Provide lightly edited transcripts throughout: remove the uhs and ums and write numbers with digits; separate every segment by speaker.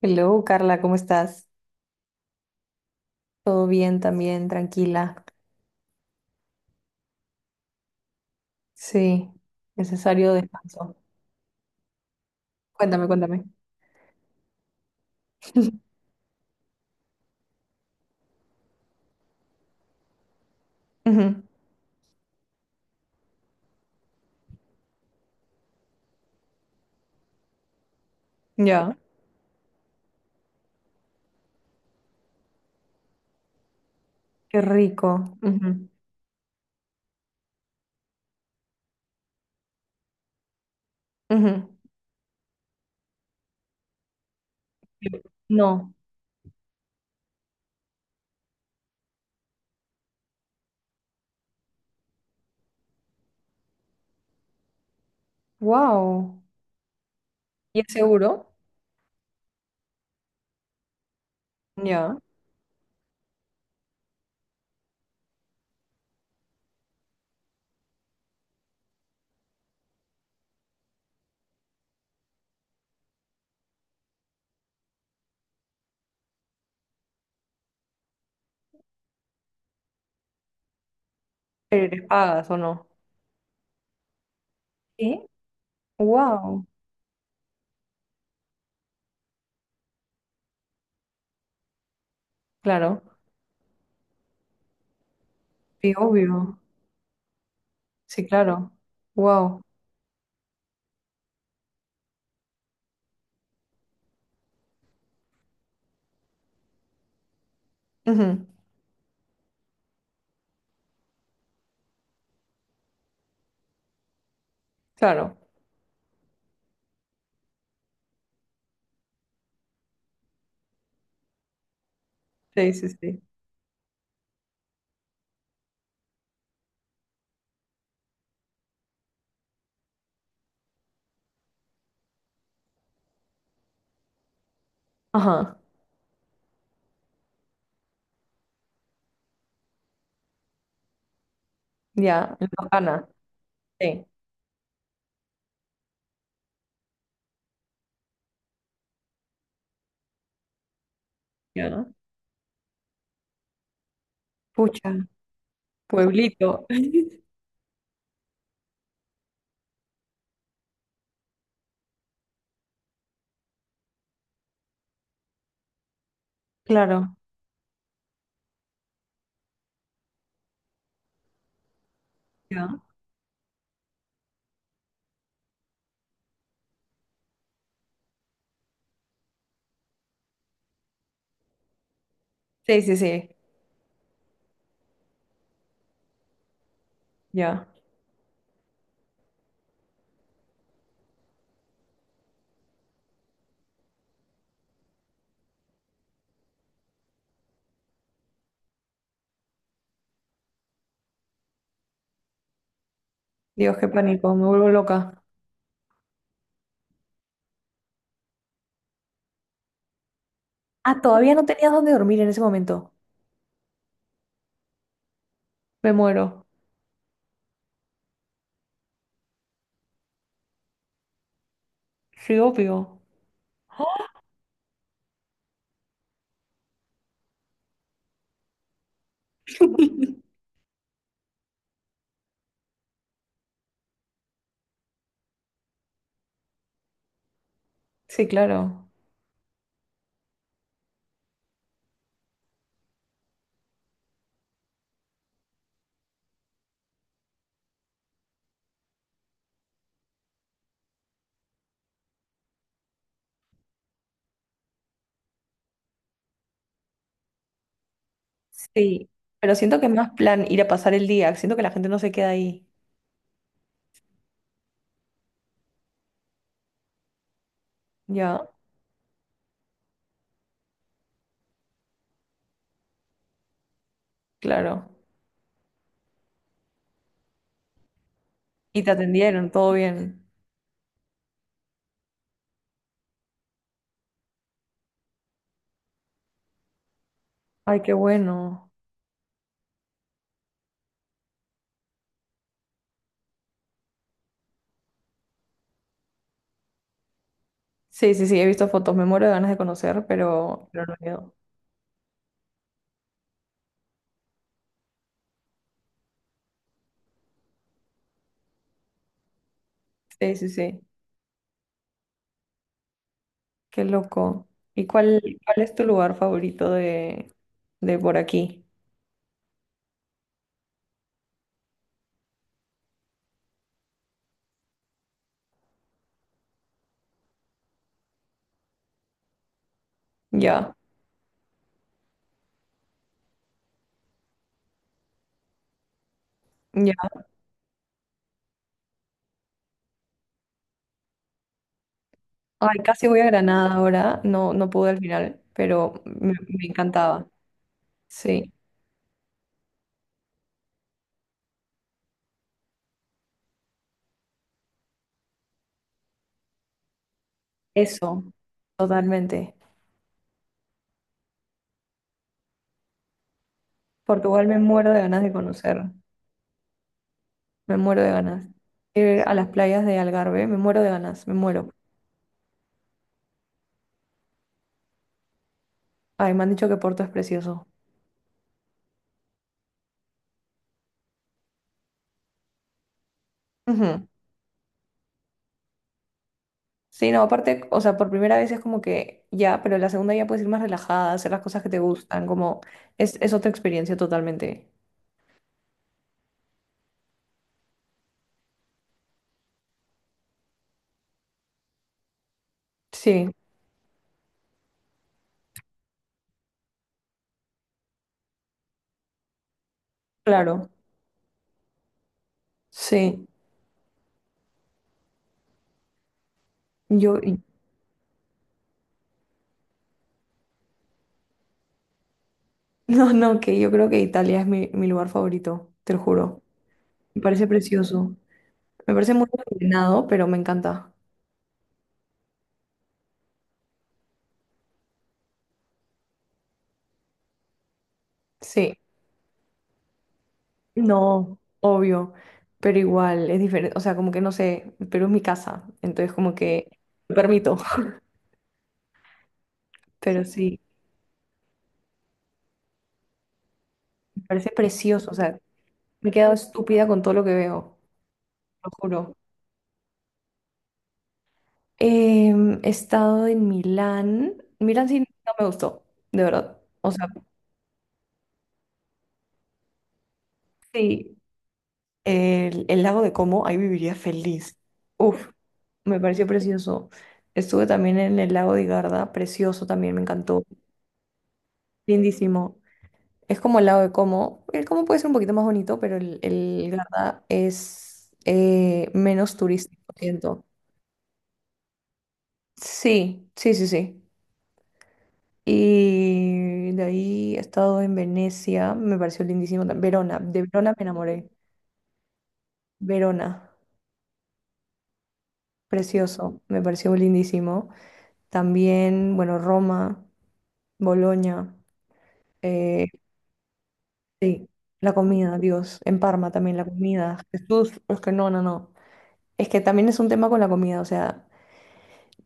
Speaker 1: Hello, Carla, ¿cómo estás? ¿Todo bien también? Tranquila. Sí, necesario descanso. Cuéntame. Ujú. Ya. Qué rico. Ujú, ujú. No. Wow. ¿Y es seguro? Ya. ¿Pero eres pagas o no? Sí. Wow. Claro. Sí, obvio. Sí, claro. Wow. Ujú. Claro. Sí, sí, sí. Ajá. Ya. En Toscana. Sí. Ya. Pucha. Pueblito. Claro. Ya. Sí, sí, sí, ya. Dios, qué pánico, me vuelvo loca. Ah, todavía no tenías dónde dormir en ese momento. Me muero. Sí, obvio. Sí, claro. Sí, pero siento que es más plan ir a pasar el día. Siento que la gente no se queda ahí. Ya, claro. ¿Y te atendieron, todo bien? Ay, qué bueno. Sí, sí, sí, he visto fotos. Me muero de ganas de conocer, pero no he ido. Sí, sí, sí. Qué loco. ¿Y cuál es tu lugar favorito de por aquí? Ya, ya. Ay, casi voy a Granada ahora, no, no pude al final, pero me encantaba. Sí, eso, totalmente. Portugal, me muero de ganas de conocer, me muero de ganas. Ir a las playas de Algarve, me muero de ganas, me muero. Ay, me han dicho que Porto es precioso. Ujú. Sí, no, aparte, o sea, por primera vez es como que ya, pero la segunda ya puedes ir más relajada, hacer las cosas que te gustan, como es otra experiencia totalmente. Sí, claro, sí. Yo. No, no, que yo creo que Italia es mi lugar favorito, te lo juro. Me parece precioso. Me parece muy ordenado, pero me encanta. Sí, no, obvio, pero igual es diferente. O sea, como que no sé, pero es mi casa, entonces como que me permito. Pero sí, me parece precioso. O sea, me he quedado estúpida con todo lo que veo, lo juro. He estado en Milán. Milán sí no me gustó, de verdad. O sea, sí, el lago de Como, ahí viviría feliz. Uf, me pareció precioso. Estuve también en el lago de Garda, precioso también, me encantó. Lindísimo. Es como el lago de Como. El Como puede ser un poquito más bonito, pero el Garda es menos turístico, siento. Sí, sí, sí, sí. Y de ahí he estado en Venecia, me pareció lindísimo. Verona, de Verona me enamoré. Verona, precioso, me pareció lindísimo. También, bueno, Roma, Bolonia, eh, sí, la comida, Dios, en Parma también la comida, Jesús, es que no, no, no. Es que también es un tema con la comida, o sea,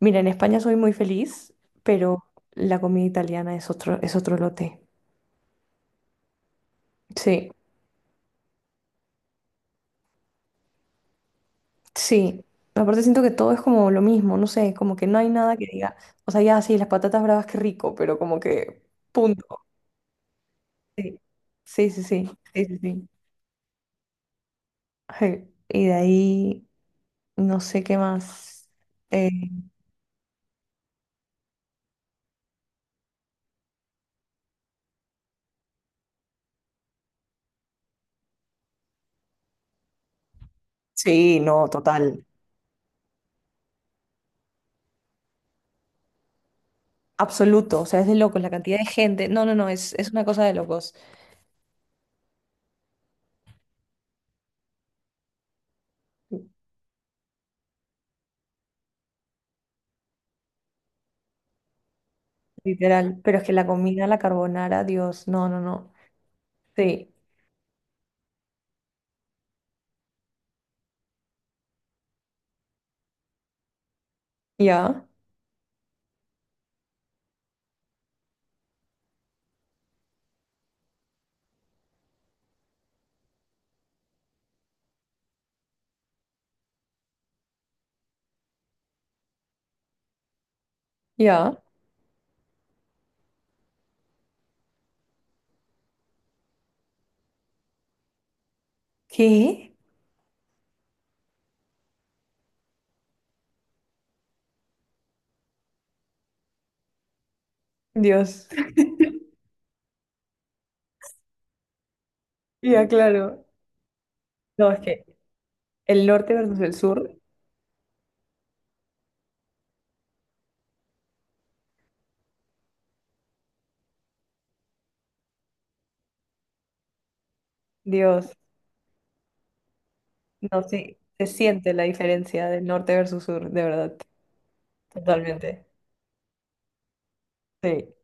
Speaker 1: mira, en España soy muy feliz, pero la comida italiana es otro lote. Sí, sí. Aparte siento que todo es como lo mismo, no sé, como que no hay nada que diga, o sea, ya sí, las patatas bravas, qué rico, pero como que, punto. Sí, sí, sí, sí, sí, sí, sí. Ay, y de ahí... No sé qué más. Eh, sí, no, total. Absoluto, o sea, es de locos la cantidad de gente. No, no, no, es una cosa de locos, literal. Pero es que la comida, la carbonara, Dios, no, no, no. Sí, ya, ya. ¿Qué? Dios. Ya, claro. No, es que el norte versus el sur, Dios, no, sí, se siente la diferencia del norte versus sur, de verdad, totalmente. Sí,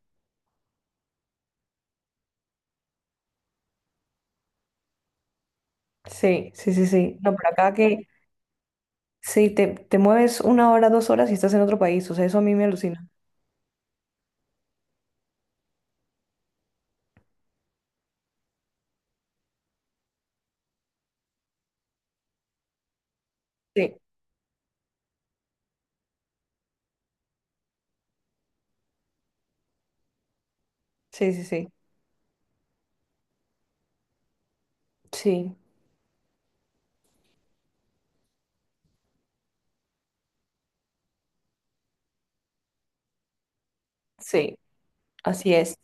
Speaker 1: sí, sí, sí, sí. No, por acá que sí, te mueves 1 hora, 2 horas y estás en otro país. O sea, eso a mí me alucina. Sí, sí, sí, sí. Sí, sí, así es.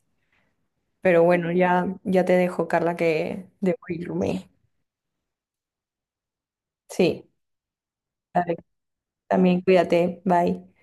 Speaker 1: Pero bueno, ya te dejo, Carla, que debo irme. Sí, dale, también cuídate. Bye.